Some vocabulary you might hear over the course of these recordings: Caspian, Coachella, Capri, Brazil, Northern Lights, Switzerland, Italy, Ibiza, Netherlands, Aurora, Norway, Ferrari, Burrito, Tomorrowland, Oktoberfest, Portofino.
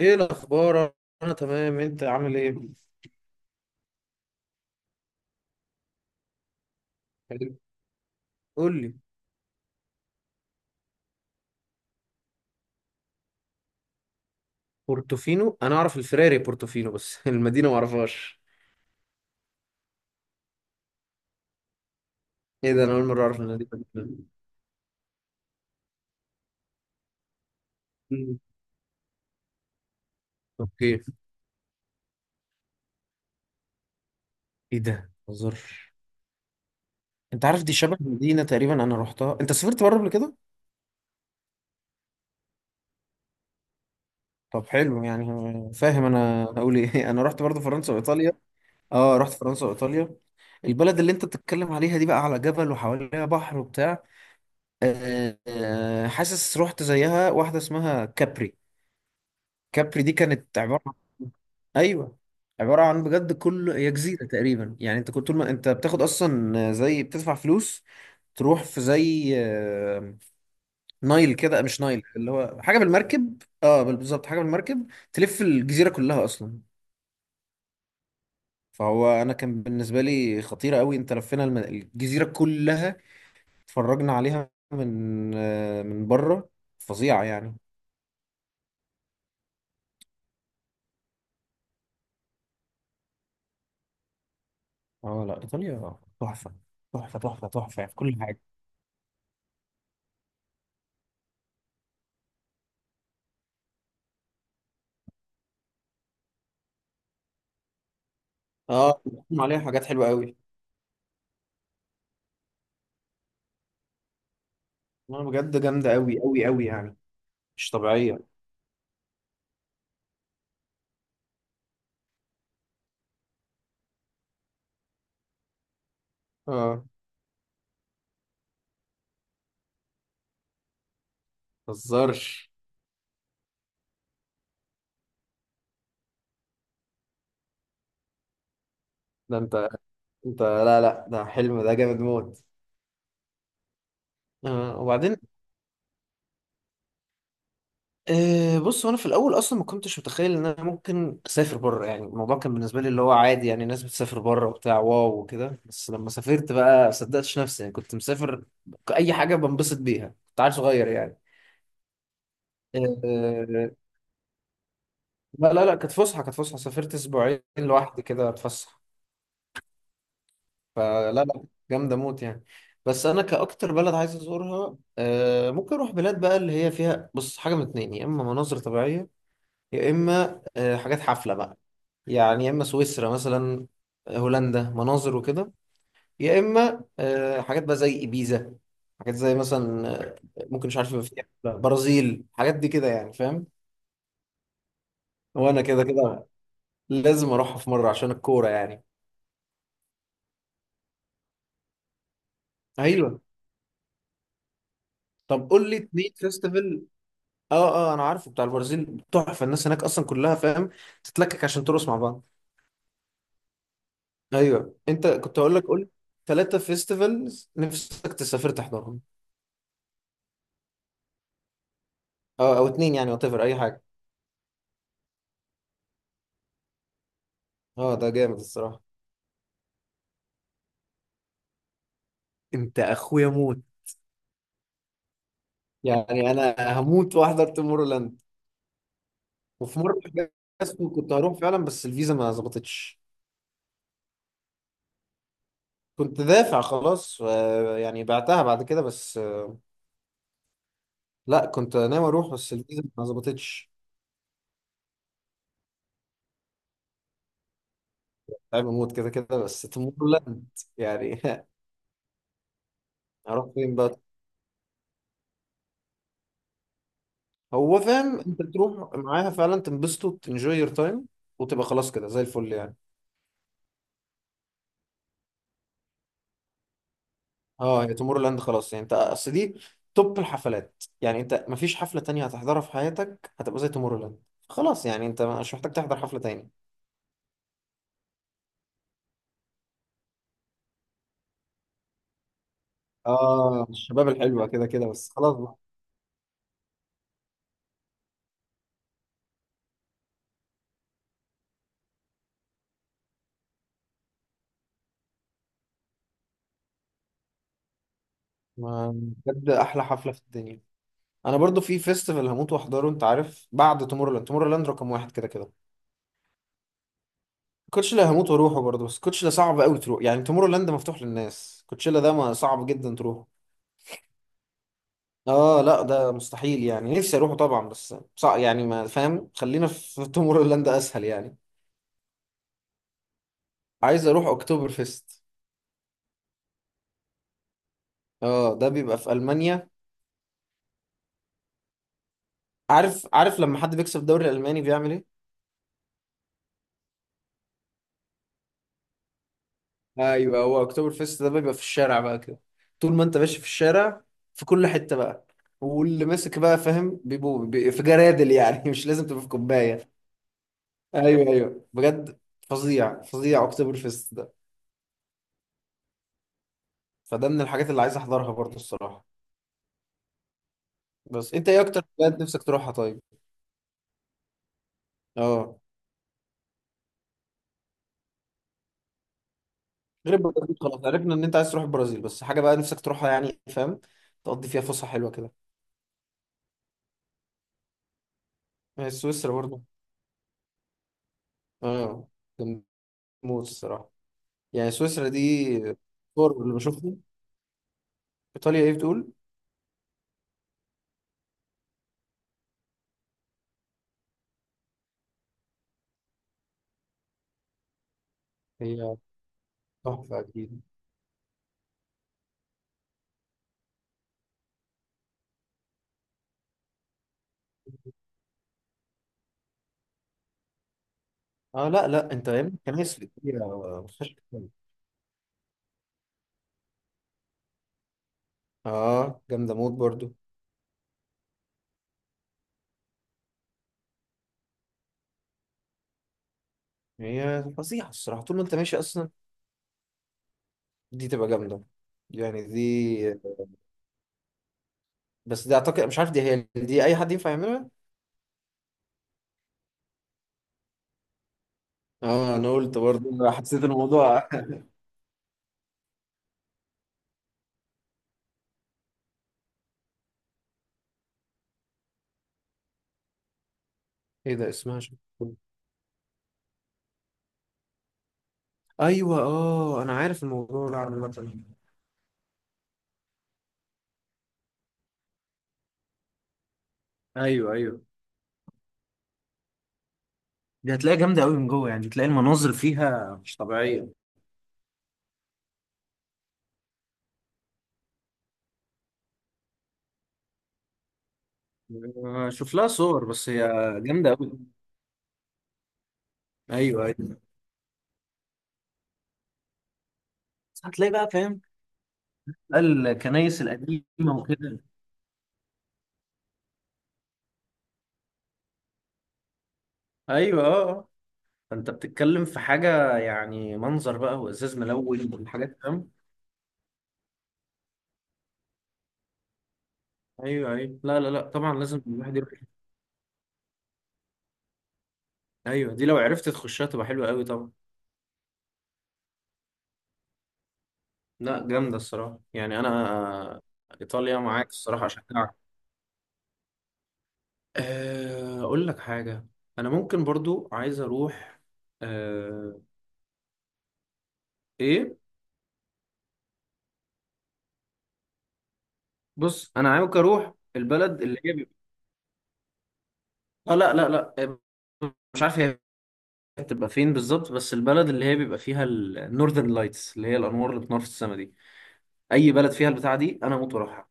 ايه الاخبار؟ انا تمام، انت عامل ايه؟ قول لي. بورتوفينو، انا اعرف الفراري بورتوفينو بس المدينه ما اعرفهاش. ايه ده! انا اول مره اعرف المدينه دي. مم. اوكي. ايه ده! ما اهزرش. انت عارف، دي شبه مدينه تقريبا انا رحتها. انت سافرت بره قبل كده؟ طب حلو يعني. فاهم انا هقول ايه؟ انا رحت برضه فرنسا وايطاليا. اه، رحت فرنسا وايطاليا. البلد اللي انت بتتكلم عليها دي بقى على جبل وحواليها بحر وبتاع. حاسس رحت زيها واحده اسمها كابري. كابري دي كانت عبارة عن، ايوه، عبارة عن بجد كل، هي جزيرة تقريبا يعني. انت كنت طول ما انت بتاخد اصلا زي بتدفع فلوس، تروح في زي نايل كده، مش نايل، اللي هو حاجة بالمركب. اه، بالظبط حاجة بالمركب، تلف الجزيرة كلها اصلا. فهو، انا كان بالنسبة لي خطيرة قوي، انت لفينا الجزيرة كلها. اتفرجنا عليها من من بره. فظيعة يعني. اه لا، ايطاليا تحفة. تحفة تحفة تحفة في كل حاجة. اه، بيقدم عليها حاجات حلوه قوي. انا بجد جامده قوي قوي قوي يعني. مش طبيعيه. اه ما تهزرش. ده انت، انت لا لا، ده حلم، ده جامد موت. وبعدين. بص، هو انا في الاول اصلا ما كنتش متخيل ان انا ممكن اسافر بره يعني. الموضوع كان بالنسبه لي اللي هو عادي يعني، الناس بتسافر بره وبتاع واو وكده. بس لما سافرت بقى ما صدقتش نفسي يعني، كنت مسافر اي حاجه بنبسط بيها، كنت عيل صغير يعني. آه، لا لا لا، كانت فسحه. سافرت اسبوعين لوحدي كده اتفسح. لا لا، جامدة موت يعني. بس أنا، كأكتر بلد عايز أزورها ممكن أروح بلاد بقى اللي هي فيها، بص، حاجة من اتنين: يا إما مناظر طبيعية، يا إما حاجات حفلة بقى. يعني يا إما سويسرا مثلا، هولندا، مناظر وكده. يا إما حاجات بقى زي إبيزا، حاجات زي مثلا ممكن، مش عارف، يبقى فيها حفلة. برازيل حاجات دي كده يعني، فاهم؟ وأنا كده كده لازم أروحها في مرة عشان الكورة يعني. أيوه. طب قول لي 2 فيستيفال. اه اه، انا عارفه، بتاع البرازيل تحفه، الناس هناك اصلا كلها فاهم تتلكك عشان ترقص مع بعض. ايوه، انت كنت هقول لك، قول. 3 فيستيفالز نفسك تسافر تحضرهم. اه او اتنين يعني، وات ايفر، اي حاجه. اه ده جامد الصراحه. انت اخويا موت! يعني انا هموت واحضر تومورلاند. وفي مره جاسكو كنت هروح فعلا بس الفيزا ما ظبطتش. كنت دافع خلاص، يعني بعتها بعد كده بس. لا، كنت ناوي اروح بس الفيزا ما ظبطتش. تعب موت كده كده. بس تومورلاند يعني هروح فين بقى؟ هو فاهم، انت تروح معاها فعلا، تنبسطوا، تنجوي يور تايم، وتبقى خلاص كده زي الفل يعني. اه، هي تومورو لاند خلاص يعني، انت اصل دي توب الحفلات يعني. انت مفيش حفلة تانية هتحضرها في حياتك هتبقى زي تومورو لاند. خلاص يعني، انت مش محتاج تحضر حفلة تاني. اه الشباب الحلوة كده كده، بس خلاص بقى. ما- بجد احلى حفلة في الدنيا. انا برضو في فيستيفال هموت واحضره، انت عارف، بعد تومورو لاند. تومورو لاند رقم واحد كده كده. كوتشيلا هموت واروحه برضه، بس كوتشيلا صعب قوي تروح يعني. تومورو لاند مفتوح للناس، كوتشيلا ده ما صعب جدا تروحه. اه لا، ده مستحيل يعني. نفسي اروحه طبعا بس صعب يعني، ما فاهم، خلينا في تومورو لاند اسهل يعني. عايز اروح اكتوبر فيست. اه، ده بيبقى في المانيا. عارف، عارف لما حد بيكسب الدوري الالماني بيعمل ايه؟ ايوه، هو اكتوبر فيست ده بيبقى في الشارع بقى كده. طول ما انت ماشي في الشارع، في كل حتة بقى. واللي ماسك بقى، فاهم، بيبقوا في جرادل يعني مش لازم تبقى في كوباية. ايوه ايوه، بجد. فظيع فظيع اكتوبر فيست ده. فده من الحاجات اللي عايز احضرها برضه الصراحه. بس انت ايه اكتر بلد نفسك تروحها طيب؟ اه، غير البرازيل خلاص عرفنا ان انت عايز تروح البرازيل. بس حاجه بقى نفسك تروحها يعني، فاهم، تقضي فيها فسحه حلوه كده. سويسرا برضه. اه جامدة موت الصراحه يعني. سويسرا دي، صور اللي بشوفهم. ايطاليا ايه بتقول؟ هي تحفه اكيد. اه لا لا، انت يا ابني، كنايس في ايطاليا ما فيهاش كلام. اه جامده موت برضه. هي فظيعة الصراحة طول ما انت ماشي اصلا. دي تبقى جامدة يعني دي. بس دي اعتقد، مش عارف، دي هي، دي اي حد ينفع يعملها؟ اه انا قلت برضه، حسيت الموضوع. ايه ده اسمها؟ شو؟ ايوه اه، انا عارف الموضوع ده عامة. ايوه ايوه، دي هتلاقيها جامده قوي من جوه يعني، تلاقي المناظر فيها مش طبيعيه. شوف لها صور، بس هي جامده قوي. ايوه ايوه. بس هتلاقي بقى، فاهم، بقى الكنايس القديمه وكده. ايوه اه آه. فانت بتتكلم في حاجه يعني، منظر بقى وازاز ملون وحاجات، فاهم. ايوه ايوه، لا لا لا، طبعا لازم الواحد يروح. ايوه، دي لو عرفت تخشها تبقى حلوه قوي طبعا. لا جامده الصراحه يعني انا، ايطاليا معاك الصراحه، اشجعك. اقول لك حاجه، انا ممكن برضو عايز اروح أه... ايه. بص، انا عايز اروح البلد اللي هي بيبقى... اه لا لا لا، مش عارف هي بتبقى فين بالظبط، بس البلد اللي هي بيبقى فيها النورذرن لايتس، اللي هي الانوار اللي بتنور في السماء دي. اي بلد فيها البتاع دي انا موت واروحها.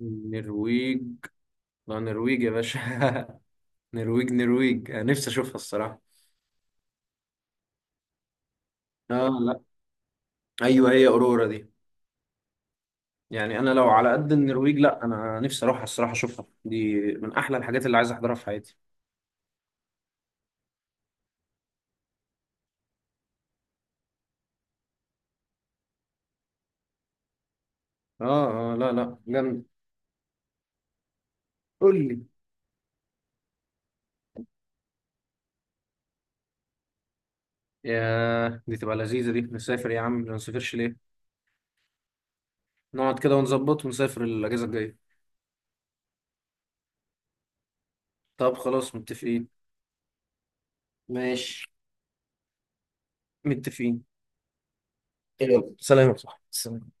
النرويج. لا النرويج يا باشا! نرويج نرويج، أنا نفسي اشوفها الصراحه. اه لا، ايوه، هي اورورا دي. يعني انا لو على قد النرويج، لا، انا نفسي اروحها الصراحه، اشوفها. دي من احلى الحاجات اللي عايز احضرها في حياتي. اه اه لا لا، جامد. قول لي. يا دي تبقى لذيذه دي! نسافر يا عم، ما نسافرش ليه؟ نقعد كده ونظبط ونسافر الاجازه الجايه. طب خلاص متفقين. ماشي، متفقين. يلا سلام يا صاحبي، سلام.